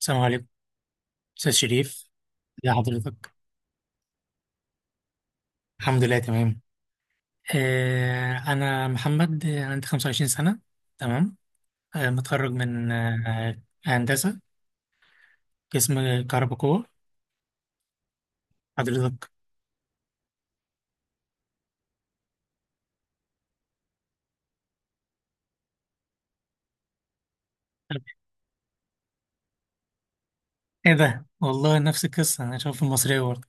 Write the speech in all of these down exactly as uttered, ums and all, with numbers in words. السلام عليكم، أستاذ شريف، يا حضرتك. الحمد لله، تمام. آه أنا محمد، آه، عندي خمسة وعشرين سنة. تمام. آه متخرج من آه هندسة، قسم كهرباء قوة، حضرتك. إيه ده، والله نفس القصة، أنا شايف المصرية برضه.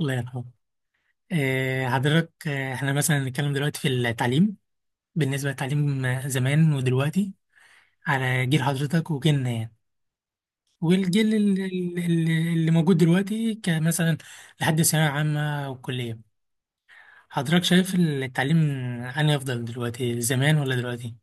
الله يرحمه. آه حضرتك، آه إحنا مثلا نتكلم دلوقتي في التعليم. بالنسبة للتعليم، آه، زمان ودلوقتي، على جيل حضرتك وجيلنا يعني، والجيل ال- ال- ال- اللي موجود دلوقتي كمثلا، لحد ثانوية عامة أو كلية. حضرتك شايف التعليم أنهي أفضل دلوقتي، زمان ولا دلوقتي؟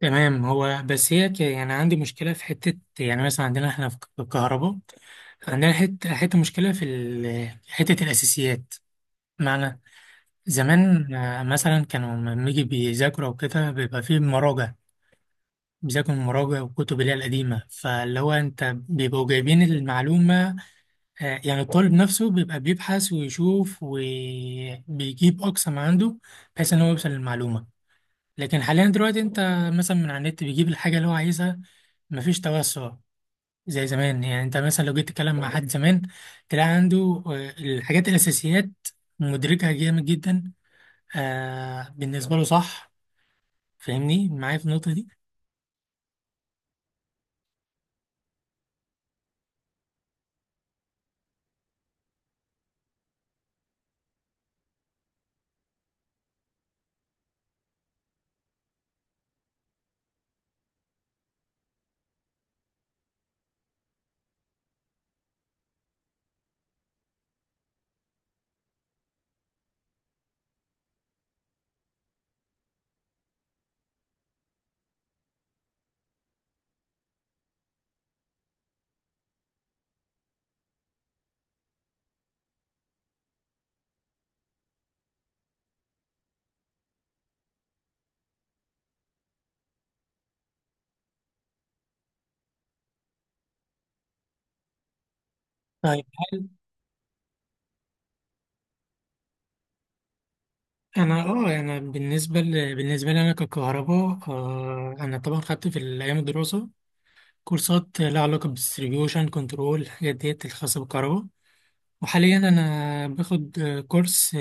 تمام. هو بس هي ك- يعني عندي مشكلة في حتة، يعني مثلا عندنا احنا في الكهرباء، عندنا حتة حتة مشكلة في ال- حتة الأساسيات. معنى، زمان آه، مثلا كانوا لما يجي بيذاكروا وكده بيبقى فيه مراجع. بيذاكروا المراجع والكتب اللي هي القديمة، فاللي هو أنت بيبقوا جايبين المعلومة. آه، يعني الطالب نفسه بيبقى بيبحث ويشوف وبيجيب أقصى ما عنده، بحيث إن هو يوصل للمعلومة. لكن حاليا دلوقتي أنت مثلا من على النت بيجيب الحاجة اللي هو عايزها. مفيش توسع زي زمان. يعني أنت مثلا لو جيت تتكلم مع حد زمان تلاقي عنده آه، الحاجات الأساسيات مدركها جامد جدا، آه، بالنسبة له صح. فاهمني معايا في النقطة دي؟ طيب. هل انا اه انا بالنسبه ل... بالنسبه لي، انا ككهرباء، آه انا طبعا خدت في الايام الدراسه كورسات لها علاقة بالديستريبيوشن كنترول، الحاجات ديت الخاصة بالكهرباء. وحاليا أنا باخد آه، كورس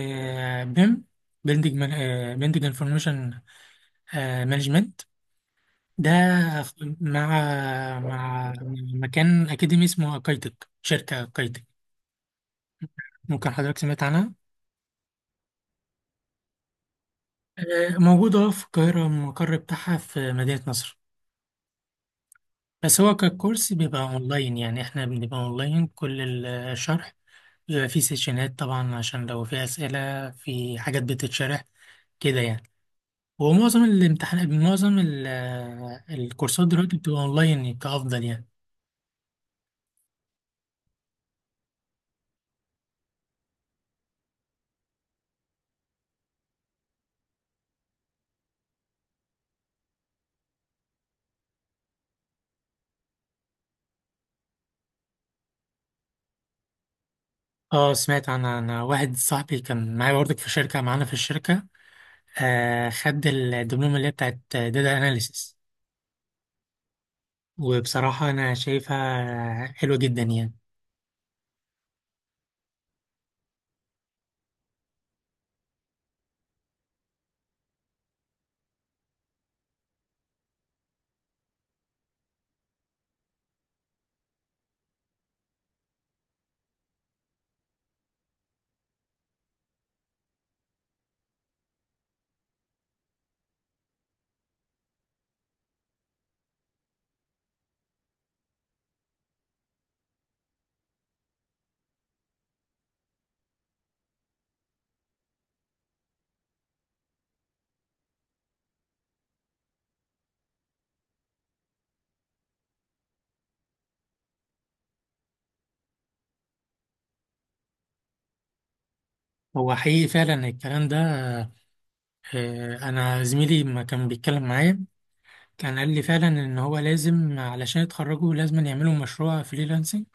بيم، بيلدينج بيلدينج انفورميشن مانجمنت، ده مع مع مكان أكاديمي اسمه أكايتك، شركة أكايتك. ممكن حضرتك سمعت عنها؟ آه، موجودة في القاهرة، المقر بتاعها في مدينة نصر. بس هو ككورس بيبقى اونلاين، يعني احنا بنبقى اونلاين كل الشرح. بيبقى فيه سيشنات طبعا عشان لو في اسئله، في حاجات بتتشرح كده يعني. ومعظم الامتحانات، معظم ال- الكورسات دلوقتي بتبقى اونلاين كافضل يعني. اه، سمعت عن عن واحد صاحبي كان معايا برضك في شركه، معانا في الشركه، آه خد الدبلومه اللي هي بتاعت داتا اناليسيس. وبصراحه انا شايفها حلوه جدا يعني. هو حقيقي فعلا الكلام ده. آه، انا زميلي ما كان بيتكلم معايا، كان قال لي فعلا ان هو لازم علشان يتخرجوا لازم يعملوا مشروع فريلانسنج،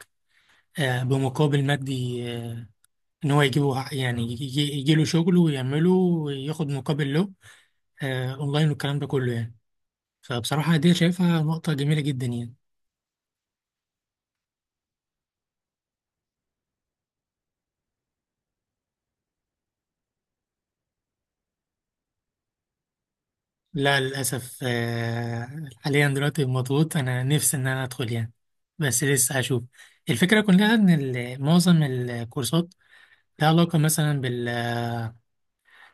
آه، بمقابل مادي، آه، ان هو يجيبه ح- يعني يجي له شغل ويعمله وياخد مقابل له، آه، اونلاين والكلام ده كله يعني. فبصراحة دي شايفها نقطة جميلة جدا يعني. لا، للأسف آه، حاليا دلوقتي مضغوط. أنا نفسي إن أنا أدخل يعني، بس لسه هشوف. الفكرة كلها إن ال- معظم الكورسات لها علاقة مثلا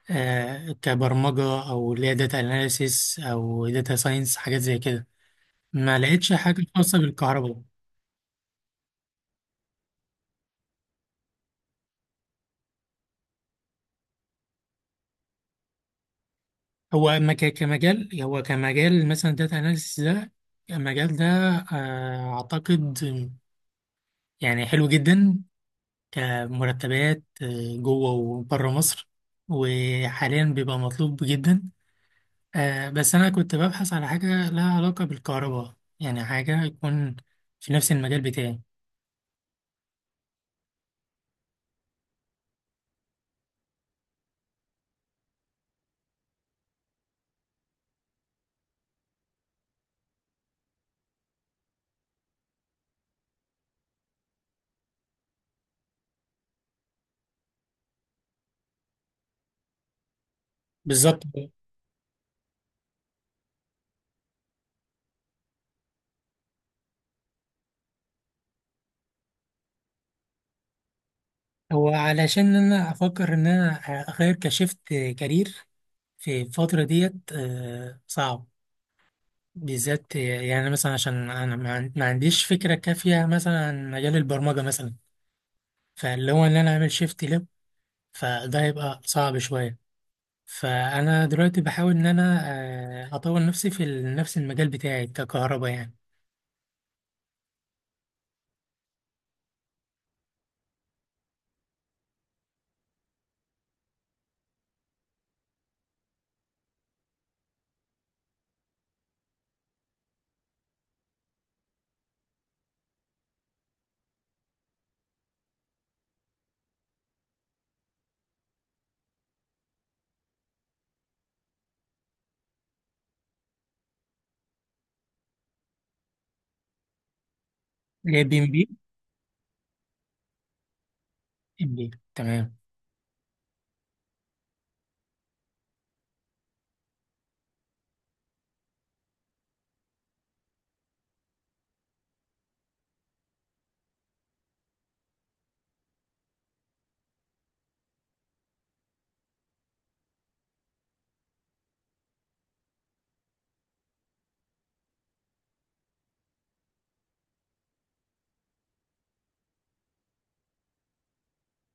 آه، كبرمجة، أو اللي هي داتا أناليسيس أو داتا ساينس، حاجات زي كده. ما لقيتش حاجة خاصة بالكهرباء. هو ما ك- كمجال هو كمجال مثلا داتا أناليسيس ده، المجال ده، آه، أعتقد يعني حلو جدا كمرتبات، آه، جوه وبره مصر، وحاليا بيبقى مطلوب جدا. آه، بس أنا كنت ببحث على حاجة لها علاقة بالكهرباء، يعني حاجة يكون في نفس المجال بتاعي. بالظبط. هو علشان انا افكر ان انا اغير كشفت كارير في الفتره ديت آه، صعب، بالذات يعني مثلا عشان انا ما عن- ما عنديش فكره كافيه مثلا عن مجال البرمجه مثلا، فاللي هو ان انا اعمل شيفت لب، فده هيبقى صعب شويه. فانا دلوقتي بحاول ان انا آه، اطور نفسي في ال- نفس المجال بتاعي ككهرباء يعني. اللي هي بي ام بي. ام بي، تمام.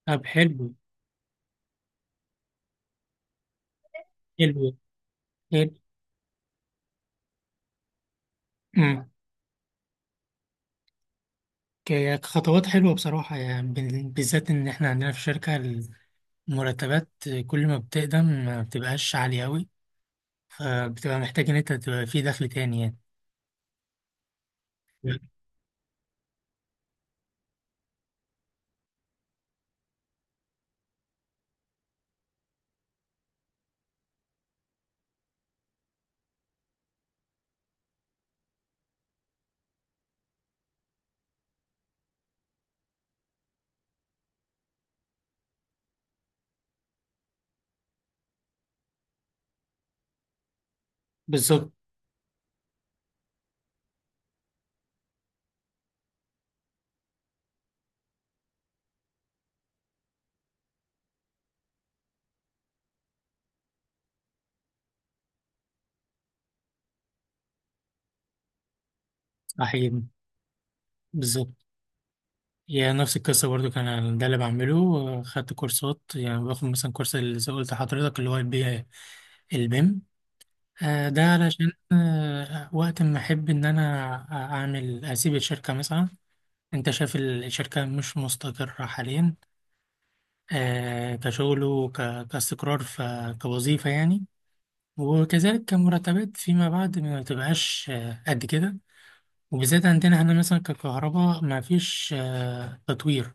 طب، حلو. حلو. حلو. ك- كخطوات حلوة بصراحة، يعني بال- بالذات إن إحنا عندنا في الشركة، المرتبات كل ما بتقدم ما بتبقاش عالية أوي، فبتبقى محتاج إن أنت تبقى في دخل تاني يعني. بالظبط. صحيح. بالظبط. يعني نفس القصة برضو. كان أنا ده اللي بعمله، خدت كورسات. يعني باخد مثلا كورس اللي زي قلت لحضرتك اللي هو البي البيم، آه، ده علشان آه، وقت ما أحب إن أنا أعمل أسيب الشركة مثلا. أنت شايف الشركة مش مستقرة حاليا، آه، كشغله ك- كاستقرار، ف- كوظيفة يعني. وكذلك كمرتبات فيما بعد ما تبقاش آه، قد كده، وبالذات عندنا هنا مثلا ككهرباء ما فيش آه، تطوير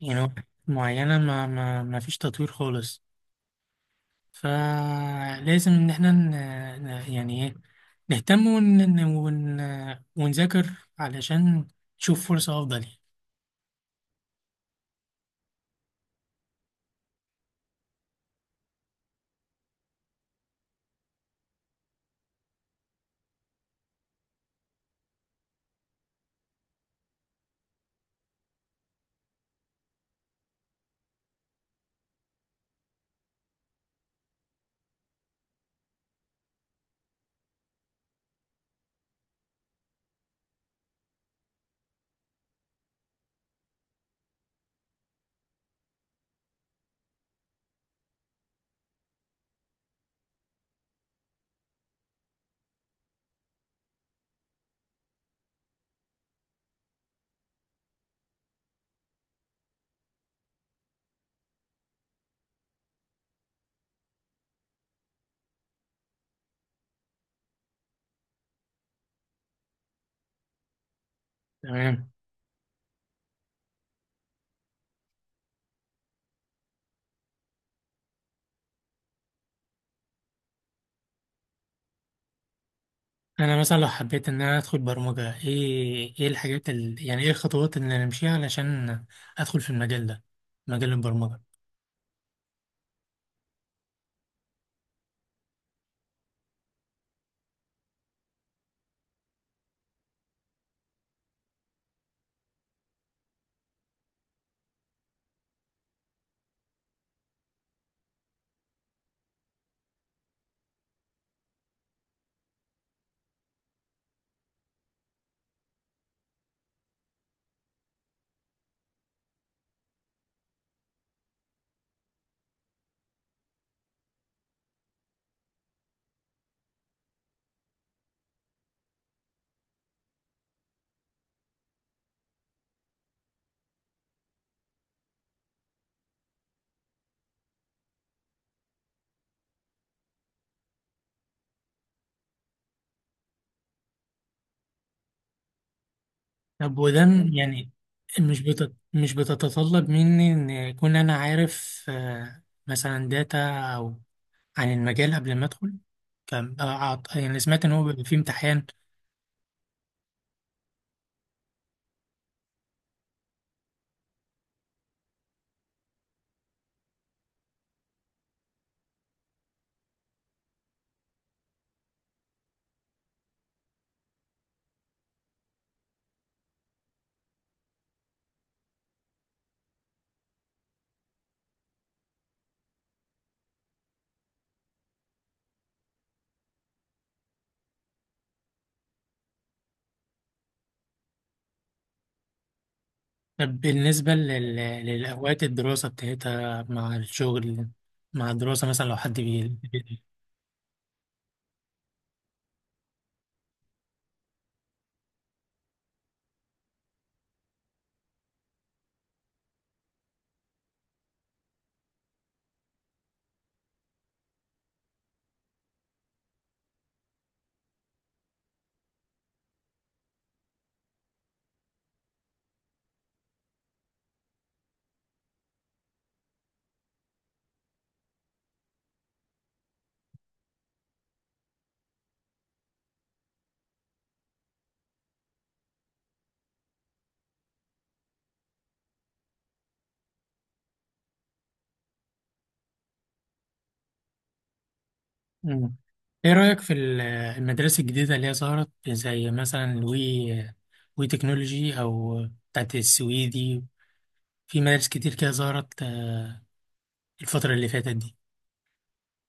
يعني معينة. ما, ما, ما فيش تطوير خالص. فلازم إن احنا ن- ن- يعني إيه، نهتم ون ون ون- ونذاكر علشان نشوف فرصة أفضل يعني. تمام. انا مثلا لو حبيت ان انا ادخل برمجة، ايه ايه الحاجات ال... يعني ايه الخطوات اللي انا امشيها علشان ادخل في المجال ده، مجال البرمجة؟ طب وده م- يعني مش بت... مش بتتطلب مني ان يكون انا عارف آه، مثلا داتا، او عن المجال قبل ما ادخل؟ كم آه، أعط... يعني سمعت ان هو بيبقى فيه امتحان. طب بالنسبة لل... للأوقات الدراسة بتاعتها مع الشغل، مع الدراسة، مثلا لو حد بي... مم. ايه رأيك في ال- المدارس الجديدة اللي هي ظهرت، زي مثلا وي وي تكنولوجي، او بتاعت السويدي؟ في مدارس كتير كده ظهرت آه، الفترة اللي فاتت دي،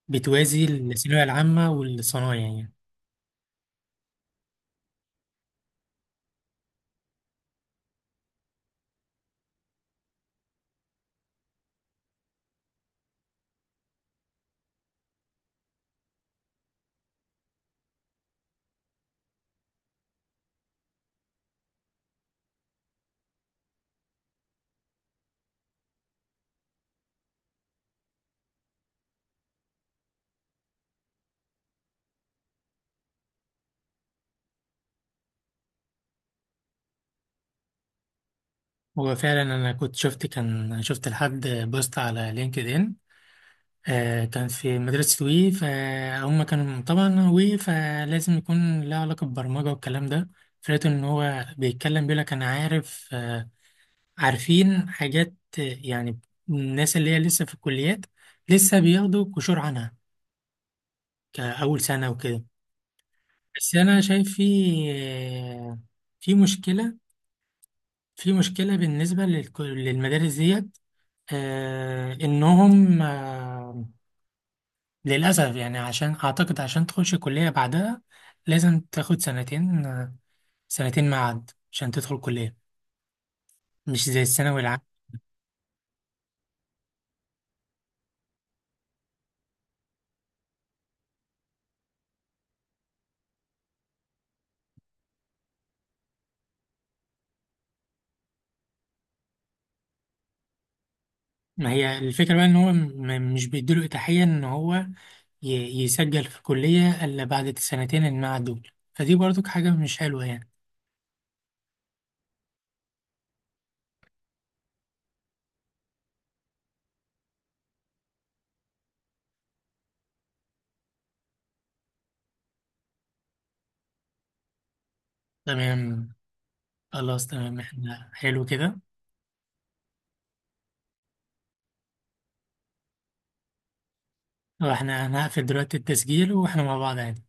بتوازي الثانوية العامة والصنايع يعني. هو فعلا انا كنت شفت، كان شفت لحد بوست على لينكد ان، آه، كان في مدرسة وي. فهم كانوا طبعا وي، فلازم يكون له علاقة بالبرمجة والكلام ده. فلقيت إن هو بيتكلم بيقول لك أنا عارف، آه، عارفين حاجات، آه، يعني الناس اللي هي لسه في الكليات لسه بياخدوا قشور عنها كأول سنة وكده. بس أنا شايف في آه، في مشكلة في مشكلة بالنسبة للك- للمدارس ديت، آه، إنهم، آه، للأسف يعني عشان أعتقد عشان تخش كلية بعدها لازم تاخد سنتين. سنتين معاد عشان تدخل كلية، مش زي الثانوي العام. ما هي الفكرة بقى إن هو م- مش بيديله إتاحية إن هو ي- يسجل في كلية إلا بعد السنتين المعاد دول، فدي برضك حاجة مش حلوة يعني. تمام. خلاص، تمام، إحنا حلو كده. وإحنا هنقفل دلوقتي التسجيل وإحنا مع بعض يعني.